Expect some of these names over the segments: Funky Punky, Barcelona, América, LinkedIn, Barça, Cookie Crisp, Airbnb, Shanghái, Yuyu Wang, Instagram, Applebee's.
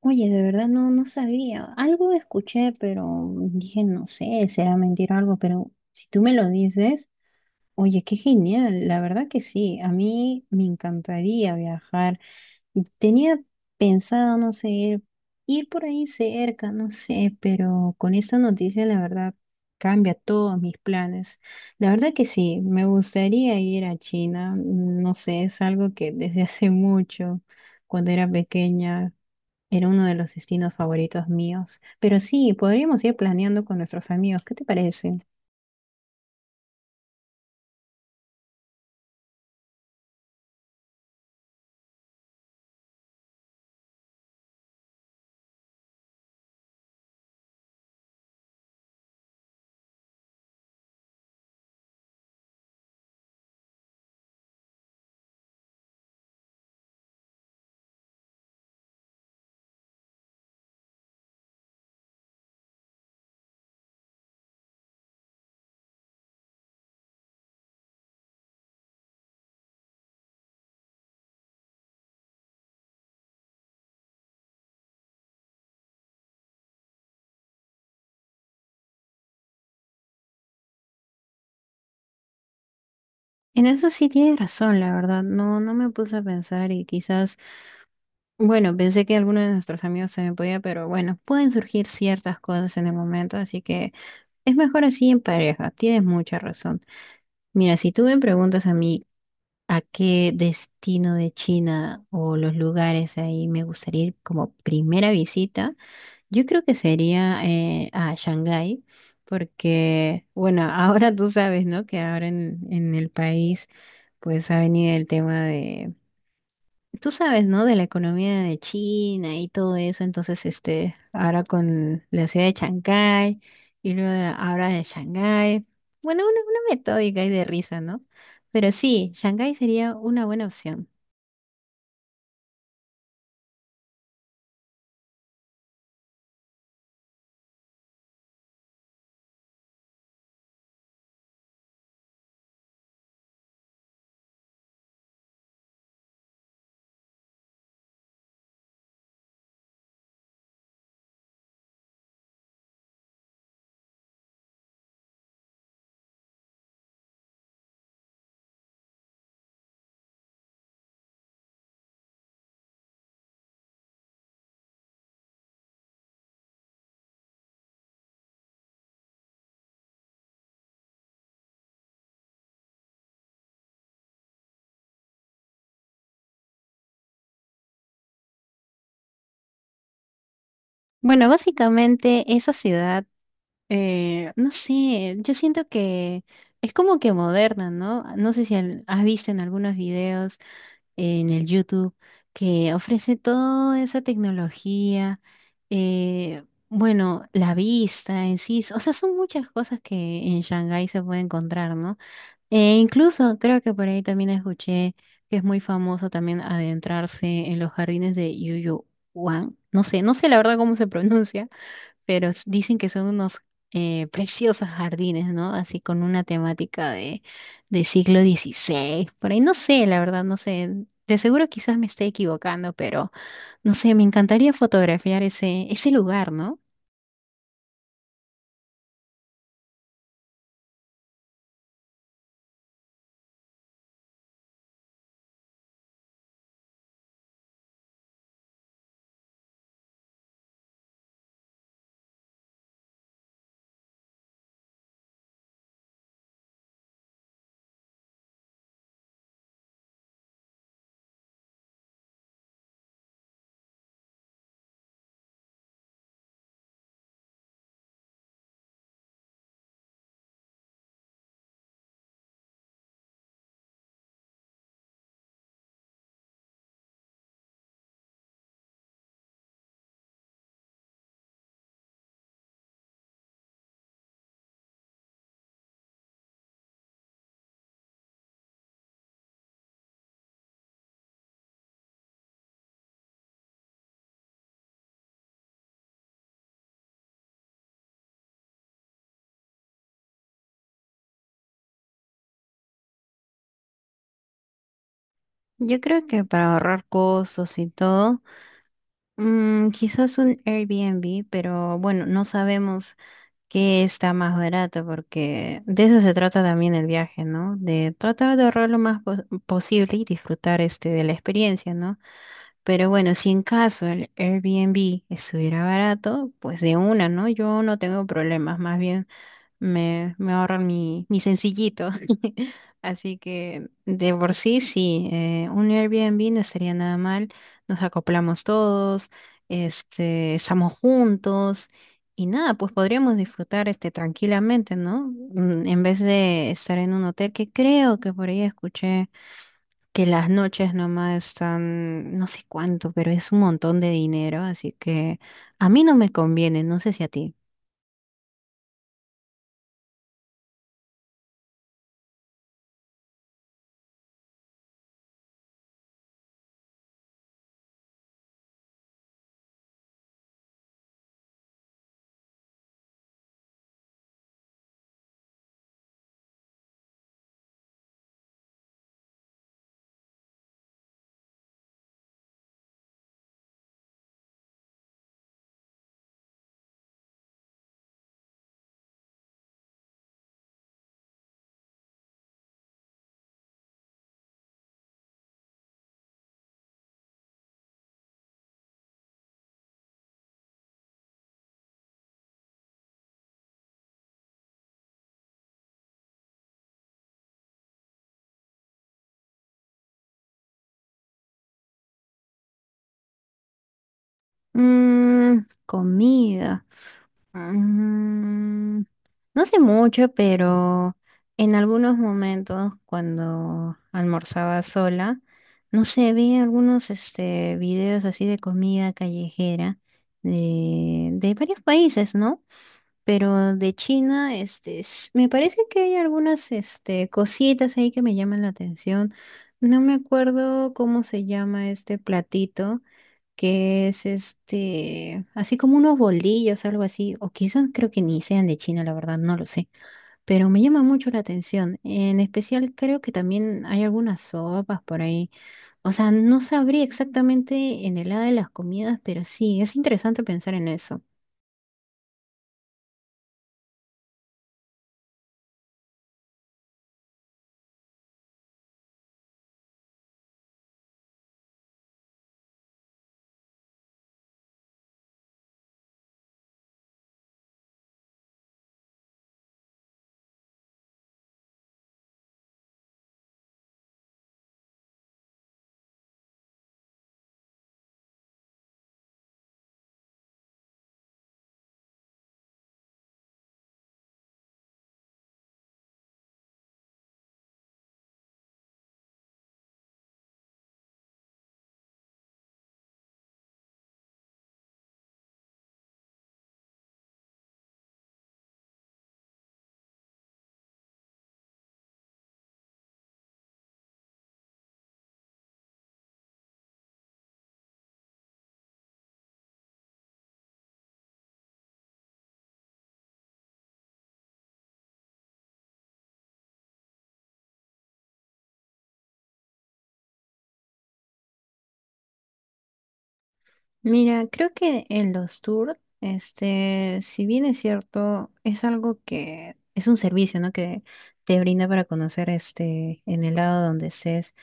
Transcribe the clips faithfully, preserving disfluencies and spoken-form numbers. Oye, de verdad no, no sabía. Algo escuché, pero dije, no sé, será mentira o algo, pero si tú me lo dices, oye, qué genial. La verdad que sí, a mí me encantaría viajar. Y tenía pensado, no sé, ir, ir por ahí cerca, no sé, pero con esta noticia, la verdad, cambia todos mis planes. La verdad que sí, me gustaría ir a China. No sé, es algo que desde hace mucho, cuando era pequeña. Era uno de los destinos favoritos míos. Pero sí, podríamos ir planeando con nuestros amigos. ¿Qué te parece? En eso sí tienes razón, la verdad. No, no me puse a pensar y quizás, bueno, pensé que alguno de nuestros amigos se me podía, pero bueno, pueden surgir ciertas cosas en el momento, así que es mejor así en pareja. Tienes mucha razón. Mira, si tú me preguntas a mí a qué destino de China o los lugares ahí me gustaría ir como primera visita, yo creo que sería eh, a Shanghái, porque, bueno, ahora tú sabes, ¿no? Que ahora en, en el país, pues ha venido el tema de, tú sabes, ¿no? De la economía de China y todo eso. Entonces, este, ahora con la ciudad de Shanghái y luego de- ahora de Shanghái. Bueno, una, una metódica y de risa, ¿no? Pero sí, Shanghái sería una buena opción. Bueno, básicamente esa ciudad. Eh, no sé, yo siento que es como que moderna, ¿no? No sé si al- has visto en algunos videos, eh, en el YouTube, que ofrece toda esa tecnología. eh, bueno, la vista en sí, o sea, son muchas cosas que en Shanghái se puede encontrar, ¿no? E incluso creo que por ahí también escuché que es muy famoso también adentrarse en los jardines de Yuyu Wang, no sé, no sé la verdad cómo se pronuncia, pero s- dicen que son unos eh, preciosos jardines, ¿no? Así con una temática de, de siglo dieciséis, por ahí no sé, la verdad, no sé. De seguro quizás me esté equivocando, pero no sé, me encantaría fotografiar ese, ese lugar, ¿no? Yo creo que para ahorrar costos y todo, mm, quizás un Airbnb, pero bueno, no sabemos que está más barato, porque de eso se trata también el viaje, ¿no? De tratar de ahorrar lo más pos- posible y disfrutar este de la experiencia, ¿no? Pero bueno, si en caso el Airbnb estuviera barato, pues de una, ¿no? Yo no tengo problemas, más bien me, me ahorran mi, mi sencillito. Así que de por sí, sí, eh, un Airbnb no estaría nada mal. Nos acoplamos todos, este, estamos juntos y nada, pues podríamos disfrutar este tranquilamente, ¿no? Mm, En vez de estar en un hotel que creo que por ahí escuché que las noches nomás están, no sé cuánto, pero es un montón de dinero, así que a mí no me conviene, no sé si a ti. Mmm, comida. Mm, no sé mucho, pero en algunos momentos cuando almorzaba sola, no sé, vi algunos este, videos así de comida callejera de, de varios países, ¿no? Pero de China, este, s- me parece que hay algunas este, cositas ahí que me llaman la atención. No me acuerdo cómo se llama este platito que es este, así como unos bolillos, algo así, o quizás creo que ni sean de China, la verdad, no lo sé, pero me llama mucho la atención. En especial creo que también hay algunas sopas por ahí. O sea, no sabría exactamente en el lado de las comidas, pero sí, es interesante pensar en eso. Mira, creo que en los tours, este, si bien es cierto, es algo que es un servicio, ¿no? Que te brinda para conocer este, en el lado donde estés,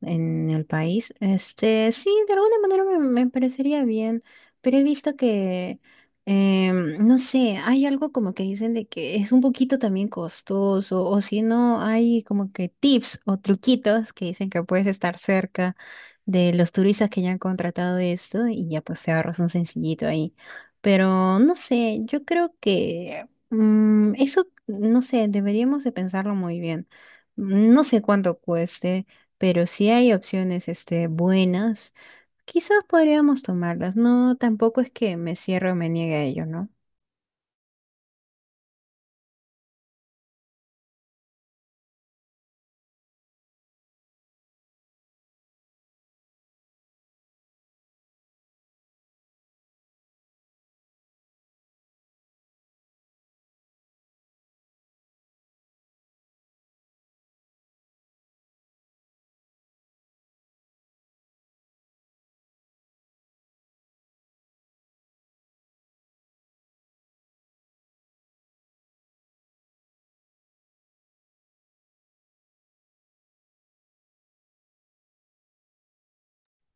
en el país. Este, sí, de alguna manera me, me parecería bien, pero he visto que, em, no sé, hay algo como que dicen de que es un poquito también costoso, o si no, hay como que tips o truquitos que dicen que puedes estar cerca de los turistas que ya han contratado esto y ya pues te ahorras un sencillito ahí. Pero no sé, yo creo que mm, eso, no sé, deberíamos de pensarlo muy bien. No sé cuánto cueste, pero sí hay opciones este, buenas. Quizás podríamos tomarlas. No, tampoco es que me cierre o me niegue a ello, ¿no?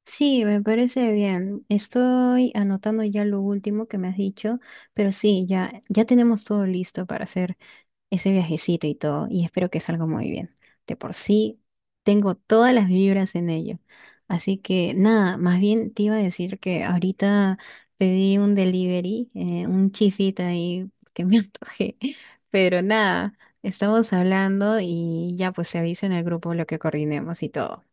Sí, me parece bien. Estoy anotando ya lo último que me has dicho, pero sí, ya, ya tenemos todo listo para hacer ese viajecito y todo, y espero que salga muy bien. De por sí, tengo todas las vibras en ello. Así que nada, más bien te iba a decir que ahorita pedí un delivery, eh, un chifita ahí que me antojé, pero nada, estamos hablando y ya pues se avisa en el grupo lo que coordinemos y todo.